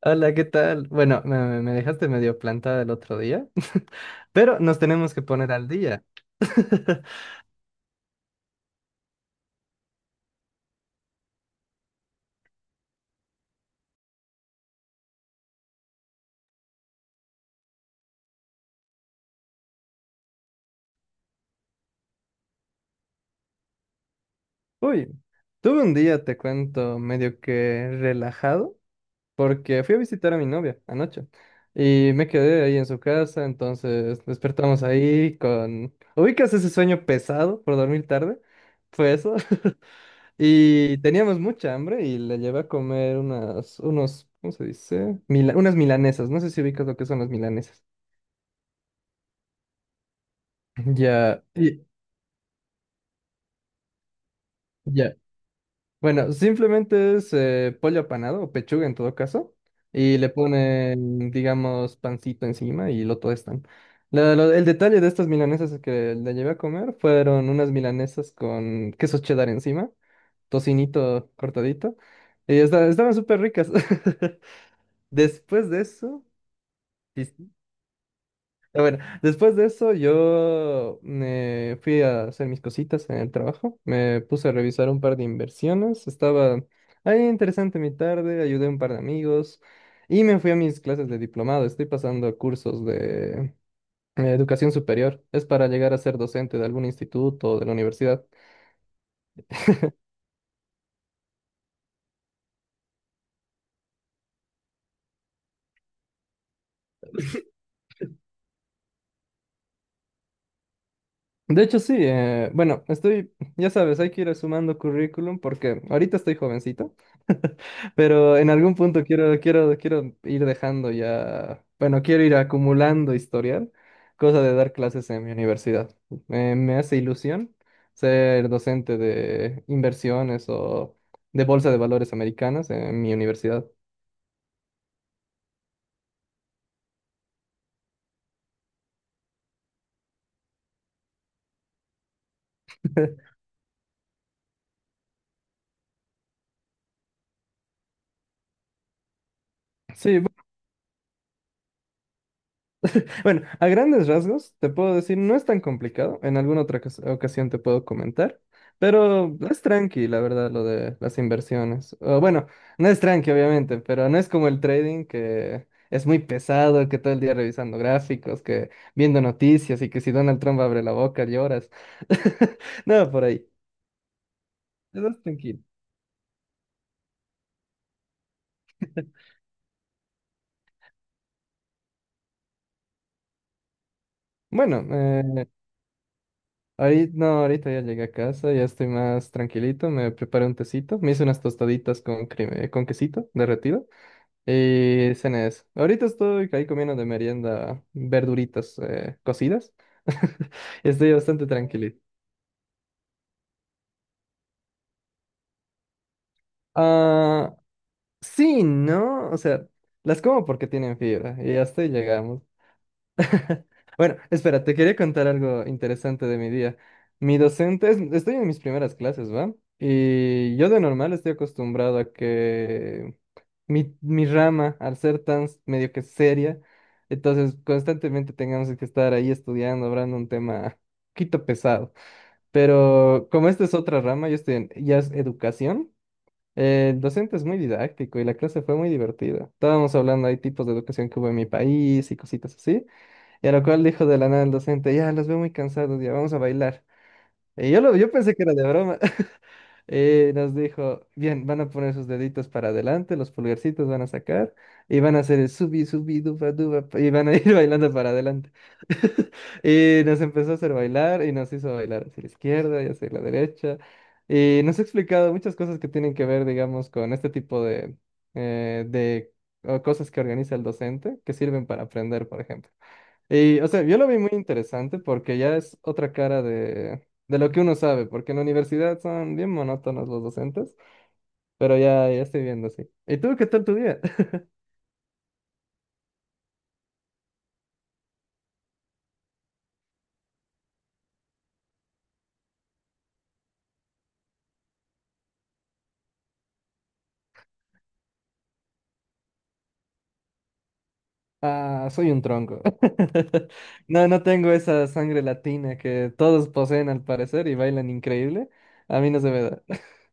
Hola, ¿qué tal? Bueno, me dejaste medio plantada el otro día, pero nos tenemos que poner al día. Uy, tuve un día, te cuento, medio que relajado, porque fui a visitar a mi novia anoche y me quedé ahí en su casa, entonces despertamos ahí con... ¿Ubicas ese sueño pesado por dormir tarde? Fue eso. Y teníamos mucha hambre y le llevé a comer unas, unos, ¿cómo se dice? Unas milanesas, no sé si ubicas lo que son las milanesas. Ya, ya. Bueno, simplemente es pollo apanado o pechuga en todo caso. Y le ponen, digamos, pancito encima y lo están el detalle de estas milanesas que le llevé a comer fueron unas milanesas con queso cheddar encima, tocinito cortadito. Y estaban súper ricas. Después de eso, pero bueno, después de eso yo me fui a hacer mis cositas en el trabajo, me puse a revisar un par de inversiones, estaba ahí interesante mi tarde, ayudé a un par de amigos y me fui a mis clases de diplomado, estoy pasando cursos de educación superior, es para llegar a ser docente de algún instituto o de la universidad. De hecho, sí, bueno, estoy, ya sabes, hay que ir sumando currículum porque ahorita estoy jovencito. Pero en algún punto quiero ir dejando ya, bueno, quiero ir acumulando historial, cosa de dar clases en mi universidad. Me hace ilusión ser docente de inversiones o de bolsa de valores americanas en mi universidad. Sí, bueno, a grandes rasgos, te puedo decir, no es tan complicado. En alguna otra ocasión te puedo comentar, pero es tranqui, la verdad, lo de las inversiones. O, bueno, no es tranqui, obviamente, pero no es como el trading, que es muy pesado, que todo el día revisando gráficos, que viendo noticias y que si Donald Trump abre la boca lloras. Nada por ahí. Es más tranquilo. Bueno, ahorita, no, ahorita ya llegué a casa, ya estoy más tranquilito, me preparé un tecito, me hice unas tostaditas con, con quesito derretido. Y cenes. Ahorita estoy ahí comiendo de merienda verduritas cocidas. Estoy bastante tranquilito. Ah, sí, ¿no? O sea, las como porque tienen fibra y hasta ahí llegamos. Bueno, espera, te quería contar algo interesante de mi día. Mi docente, estoy en mis primeras clases, ¿va? Y yo de normal estoy acostumbrado a que mi rama, al ser tan medio que seria, entonces constantemente tengamos que estar ahí estudiando, hablando un tema un poquito pesado. Pero como esta es otra rama, yo estoy en, ya es educación. El docente es muy didáctico y la clase fue muy divertida. Estábamos hablando, hay tipos de educación que hubo en mi país y cositas así. Y a lo cual dijo de la nada el docente, ya, los veo muy cansados, ya, vamos a bailar. Y yo, lo, yo pensé que era de broma. Y nos dijo, bien, van a poner sus deditos para adelante, los pulgarcitos van a sacar y van a hacer el subi, subi, duba, duba, y van a ir bailando para adelante. Y nos empezó a hacer bailar y nos hizo bailar hacia la izquierda y hacia la derecha. Y nos ha explicado muchas cosas que tienen que ver, digamos, con este tipo de o cosas que organiza el docente, que sirven para aprender, por ejemplo. Y, o sea, yo lo vi muy interesante porque ya es otra cara de lo que uno sabe, porque en la universidad son bien monótonos los docentes, pero ya, ya estoy viendo así. ¿Y tú qué tal tu día? Ah, soy un tronco. No, no tengo esa sangre latina que todos poseen al parecer y bailan increíble. A mí no se me da.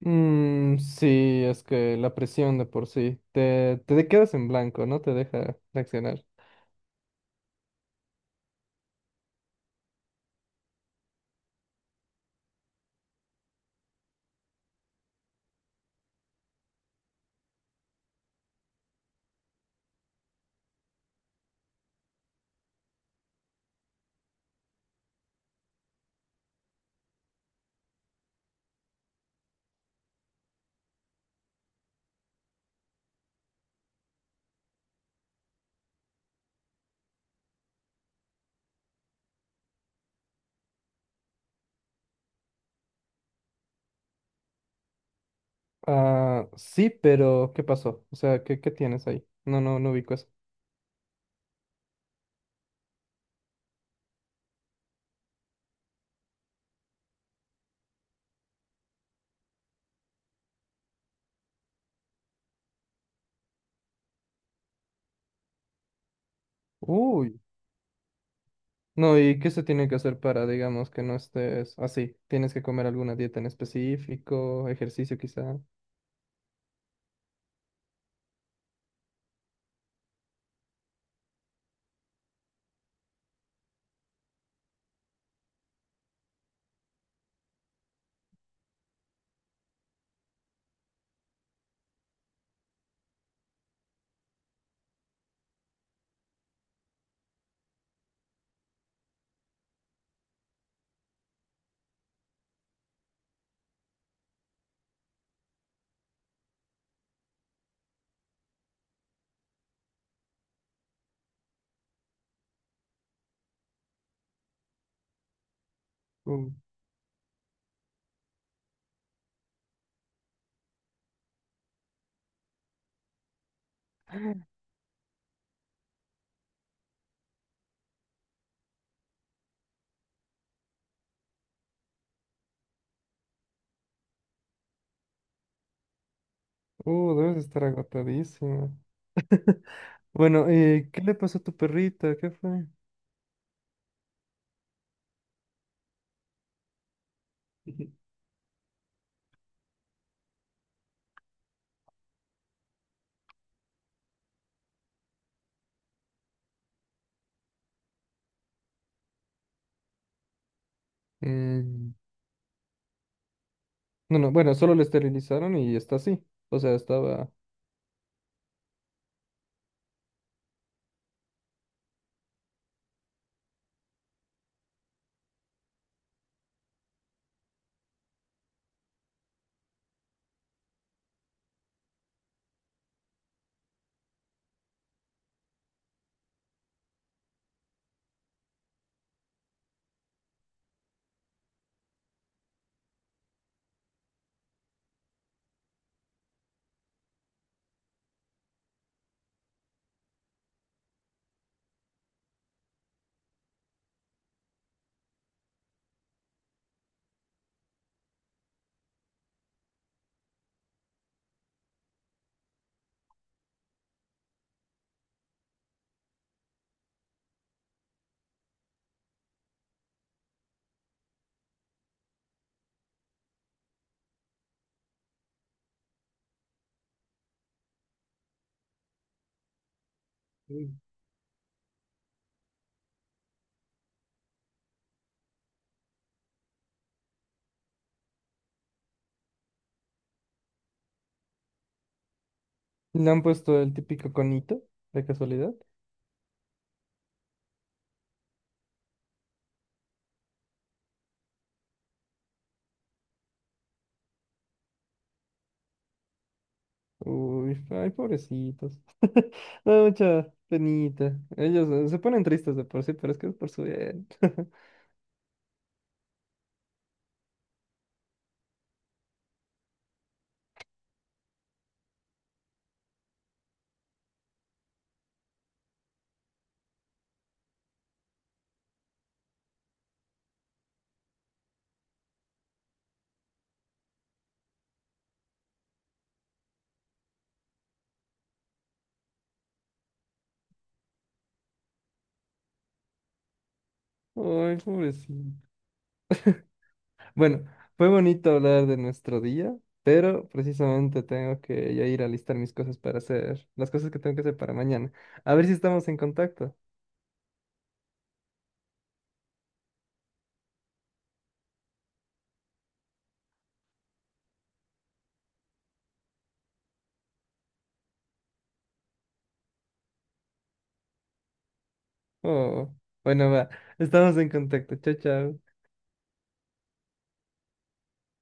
Mm, sí, es que la presión de por sí te quedas en blanco, no te deja reaccionar. Ah, sí, pero ¿qué pasó? O sea, ¿qué, qué tienes ahí? No, no, no ubico eso. Uy. No, ¿y qué se tiene que hacer para, digamos, que no estés así? ¿Tienes que comer alguna dieta en específico? ¿Ejercicio quizá? Uh, debes estar agotadísimo. Bueno, ¿qué le pasó a tu perrita? ¿Qué fue? Mm, no, no, bueno, solo le esterilizaron y está así. O sea, estaba... Mm. Le han puesto el típico conito, de casualidad. Uy, ay, pobrecitos. Me da mucha penita. Ellos se ponen tristes de por sí, pero es que es por su bien. Ay, pobrecito. Bueno, fue bonito hablar de nuestro día, pero precisamente tengo que ya ir a listar mis cosas para hacer, las cosas que tengo que hacer para mañana. A ver si estamos en contacto. Oh, bueno, va. Estamos en contacto. Chao, chao.